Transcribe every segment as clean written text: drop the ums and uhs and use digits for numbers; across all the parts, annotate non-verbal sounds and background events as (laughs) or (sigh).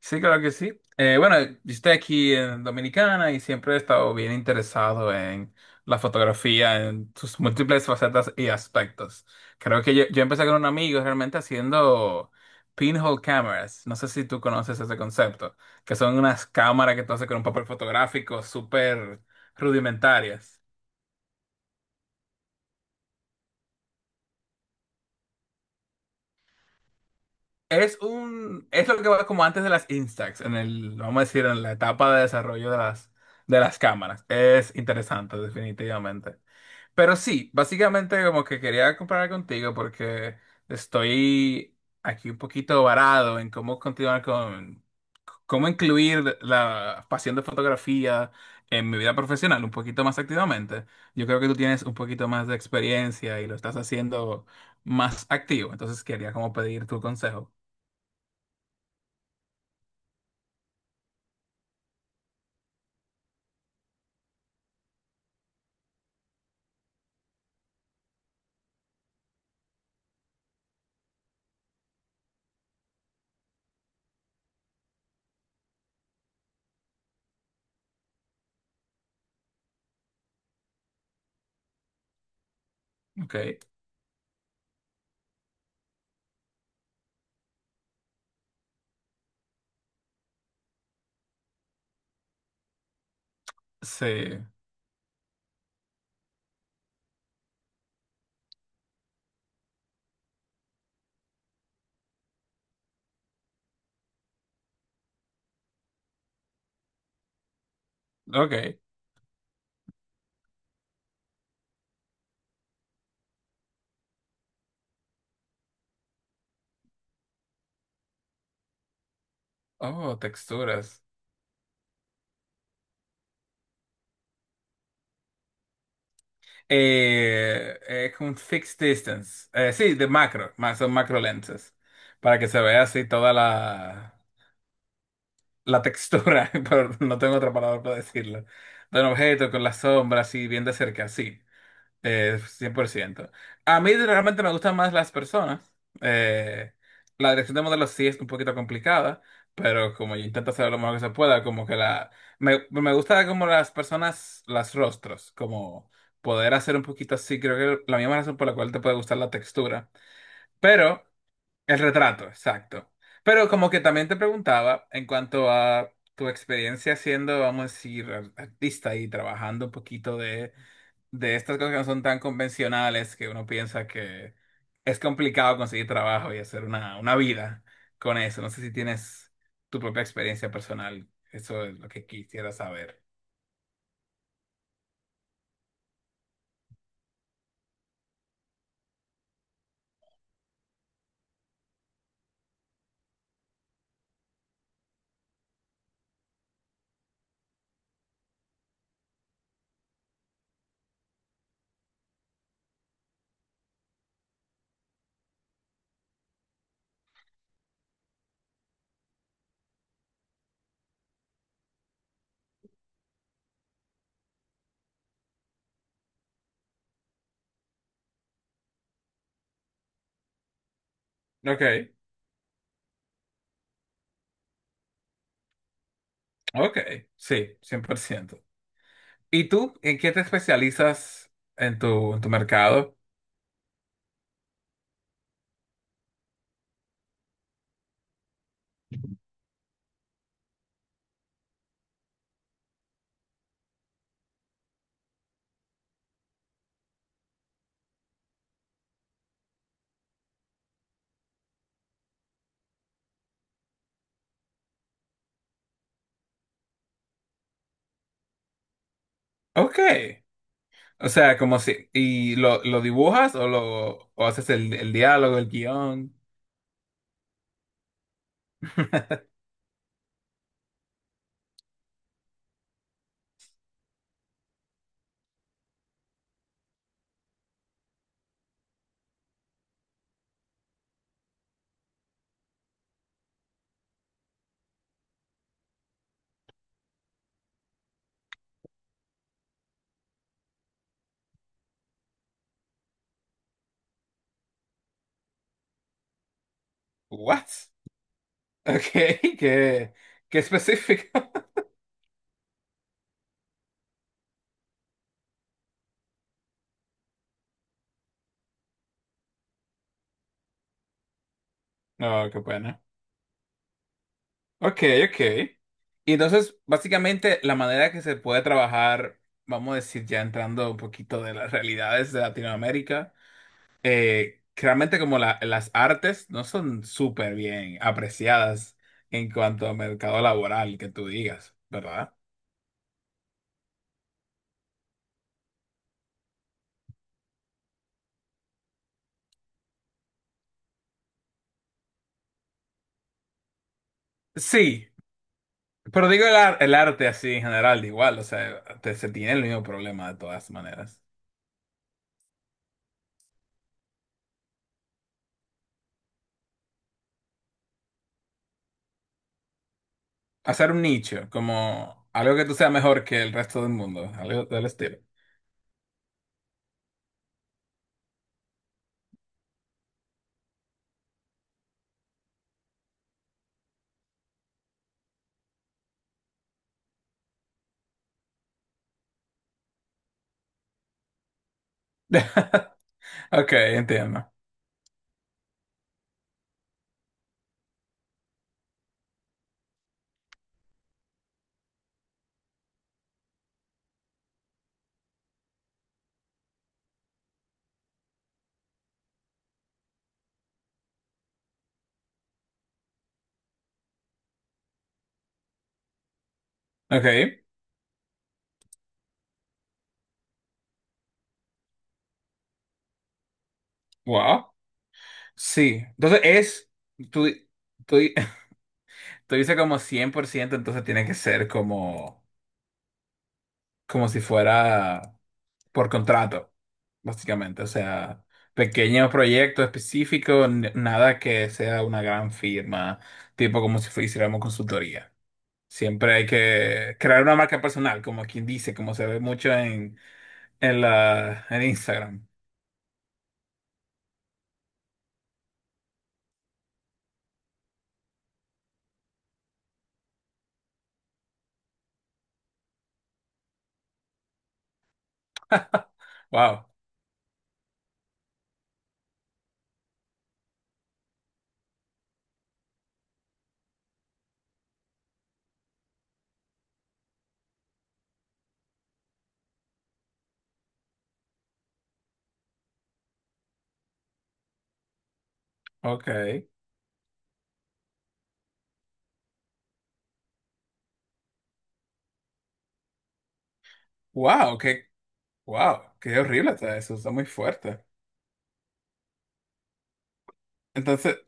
Sí, claro que sí. Bueno, yo estoy aquí en Dominicana y siempre he estado bien interesado en la fotografía, en sus múltiples facetas y aspectos. Creo que yo empecé con un amigo realmente haciendo pinhole cameras. No sé si tú conoces ese concepto, que son unas cámaras que tú haces con un papel fotográfico súper rudimentarias. Es lo que va como antes de las Instax, en el, vamos a decir, en la etapa de desarrollo de las cámaras. Es interesante, definitivamente. Pero sí, básicamente como que quería comparar contigo porque estoy aquí un poquito varado en cómo continuar con, cómo incluir la pasión de fotografía en mi vida profesional un poquito más activamente. Yo creo que tú tienes un poquito más de experiencia y lo estás haciendo más activo, entonces quería como pedir tu consejo. Ok, sí, ok. Oh, texturas. Es un fixed distance. Sí, de macro, más son macro lenses. Para que se vea así toda la textura, (laughs) pero no tengo otra palabra para decirlo. De un objeto con las sombras así bien de cerca, sí. 100%. A mí realmente me gustan más las personas. Eh, la dirección de modelos sí es un poquito complicada, pero como yo intento hacer lo mejor que se pueda, como que la... Me gusta como las personas, las rostros, como poder hacer un poquito así, creo que la misma razón por la cual te puede gustar la textura. Pero el retrato, exacto. Pero como que también te preguntaba en cuanto a tu experiencia siendo, vamos a decir, artista y trabajando un poquito de estas cosas que no son tan convencionales, que uno piensa que es complicado conseguir trabajo y hacer una vida con eso. No sé si tienes tu propia experiencia personal. Eso es lo que quisiera saber. Ok, ok, sí, 100%. ¿Y tú en qué te especializas en tu mercado? Ok. O sea, como si... ¿Y lo dibujas o lo o haces el diálogo, el guión? (laughs) What? Ok, qué, qué específico. (laughs) No, qué pena. Ok, ok. Y entonces, básicamente, la manera que se puede trabajar, vamos a decir, ya entrando un poquito de las realidades de Latinoamérica, que realmente como las artes no son súper bien apreciadas en cuanto a mercado laboral, que tú digas, ¿verdad? Sí, pero digo el, el arte así en general, de igual, o sea, se tiene el mismo problema de todas maneras. Hacer un nicho, como algo que tú seas mejor que el resto del mundo, algo del estilo. (laughs) Ok, entiendo. Ok, wow. Sí, entonces es, tú, tú, (laughs) tú dices como 100%, entonces tiene que ser como... como si fuera por contrato, básicamente. O sea, pequeños proyectos específicos, nada que sea una gran firma, tipo como si fuésemos consultoría. Siempre hay que crear una marca personal, como quien dice, como se ve mucho en la, en Instagram. (laughs) Wow, ok. Wow, qué, wow, qué horrible está eso, está muy fuerte. Entonces,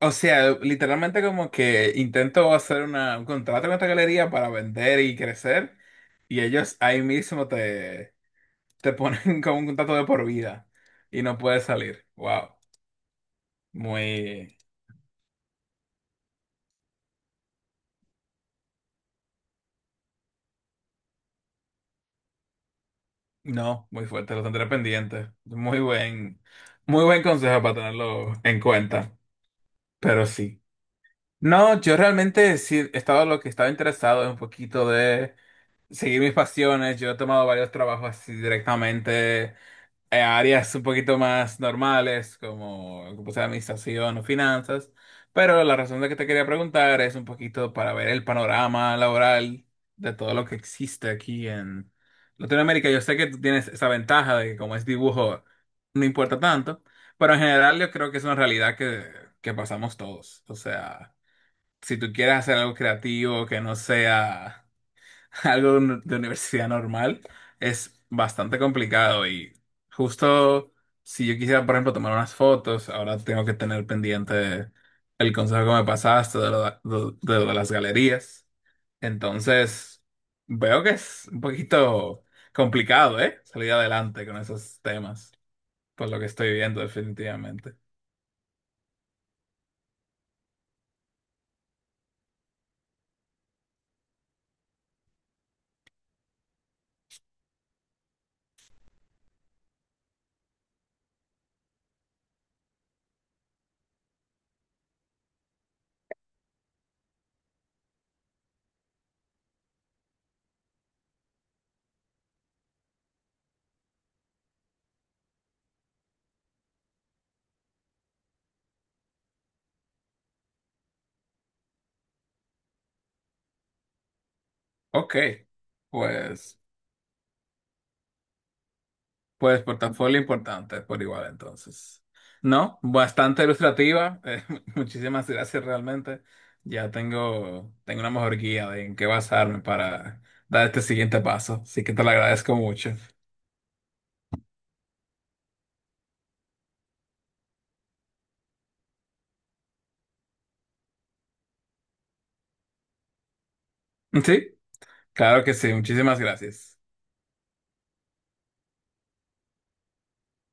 o sea, literalmente como que intento hacer una, un contrato con esta galería para vender y crecer y ellos ahí mismo te ponen (laughs) como un contrato de por vida y no puedes salir. Wow, muy, no, muy fuerte, lo tendré pendiente. Muy buen consejo para tenerlo en cuenta, pero sí. No, yo realmente sí estaba lo que estaba interesado es un poquito de seguir mis pasiones. Yo he tomado varios trabajos así directamente áreas un poquito más normales, como como sea administración o finanzas. Pero la razón de que te quería preguntar es un poquito para ver el panorama laboral de todo lo que existe aquí en Latinoamérica. Yo sé que tú tienes esa ventaja de que como es dibujo, no importa tanto, pero en general yo creo que es una realidad que pasamos todos. O sea, si tú quieres hacer algo creativo que no sea (laughs) algo de de universidad normal es bastante complicado y justo si yo quisiera, por ejemplo, tomar unas fotos, ahora tengo que tener pendiente el consejo que me pasaste de lo de las galerías. Entonces, veo que es un poquito complicado, ¿eh? Salir adelante con esos temas, por lo que estoy viendo definitivamente. Ok, pues... pues portafolio importante por igual entonces. No, bastante ilustrativa. (laughs) Muchísimas gracias realmente. Ya tengo, tengo una mejor guía de en qué basarme para dar este siguiente paso. Así que te lo agradezco mucho. (laughs) Sí, claro que sí. Muchísimas gracias.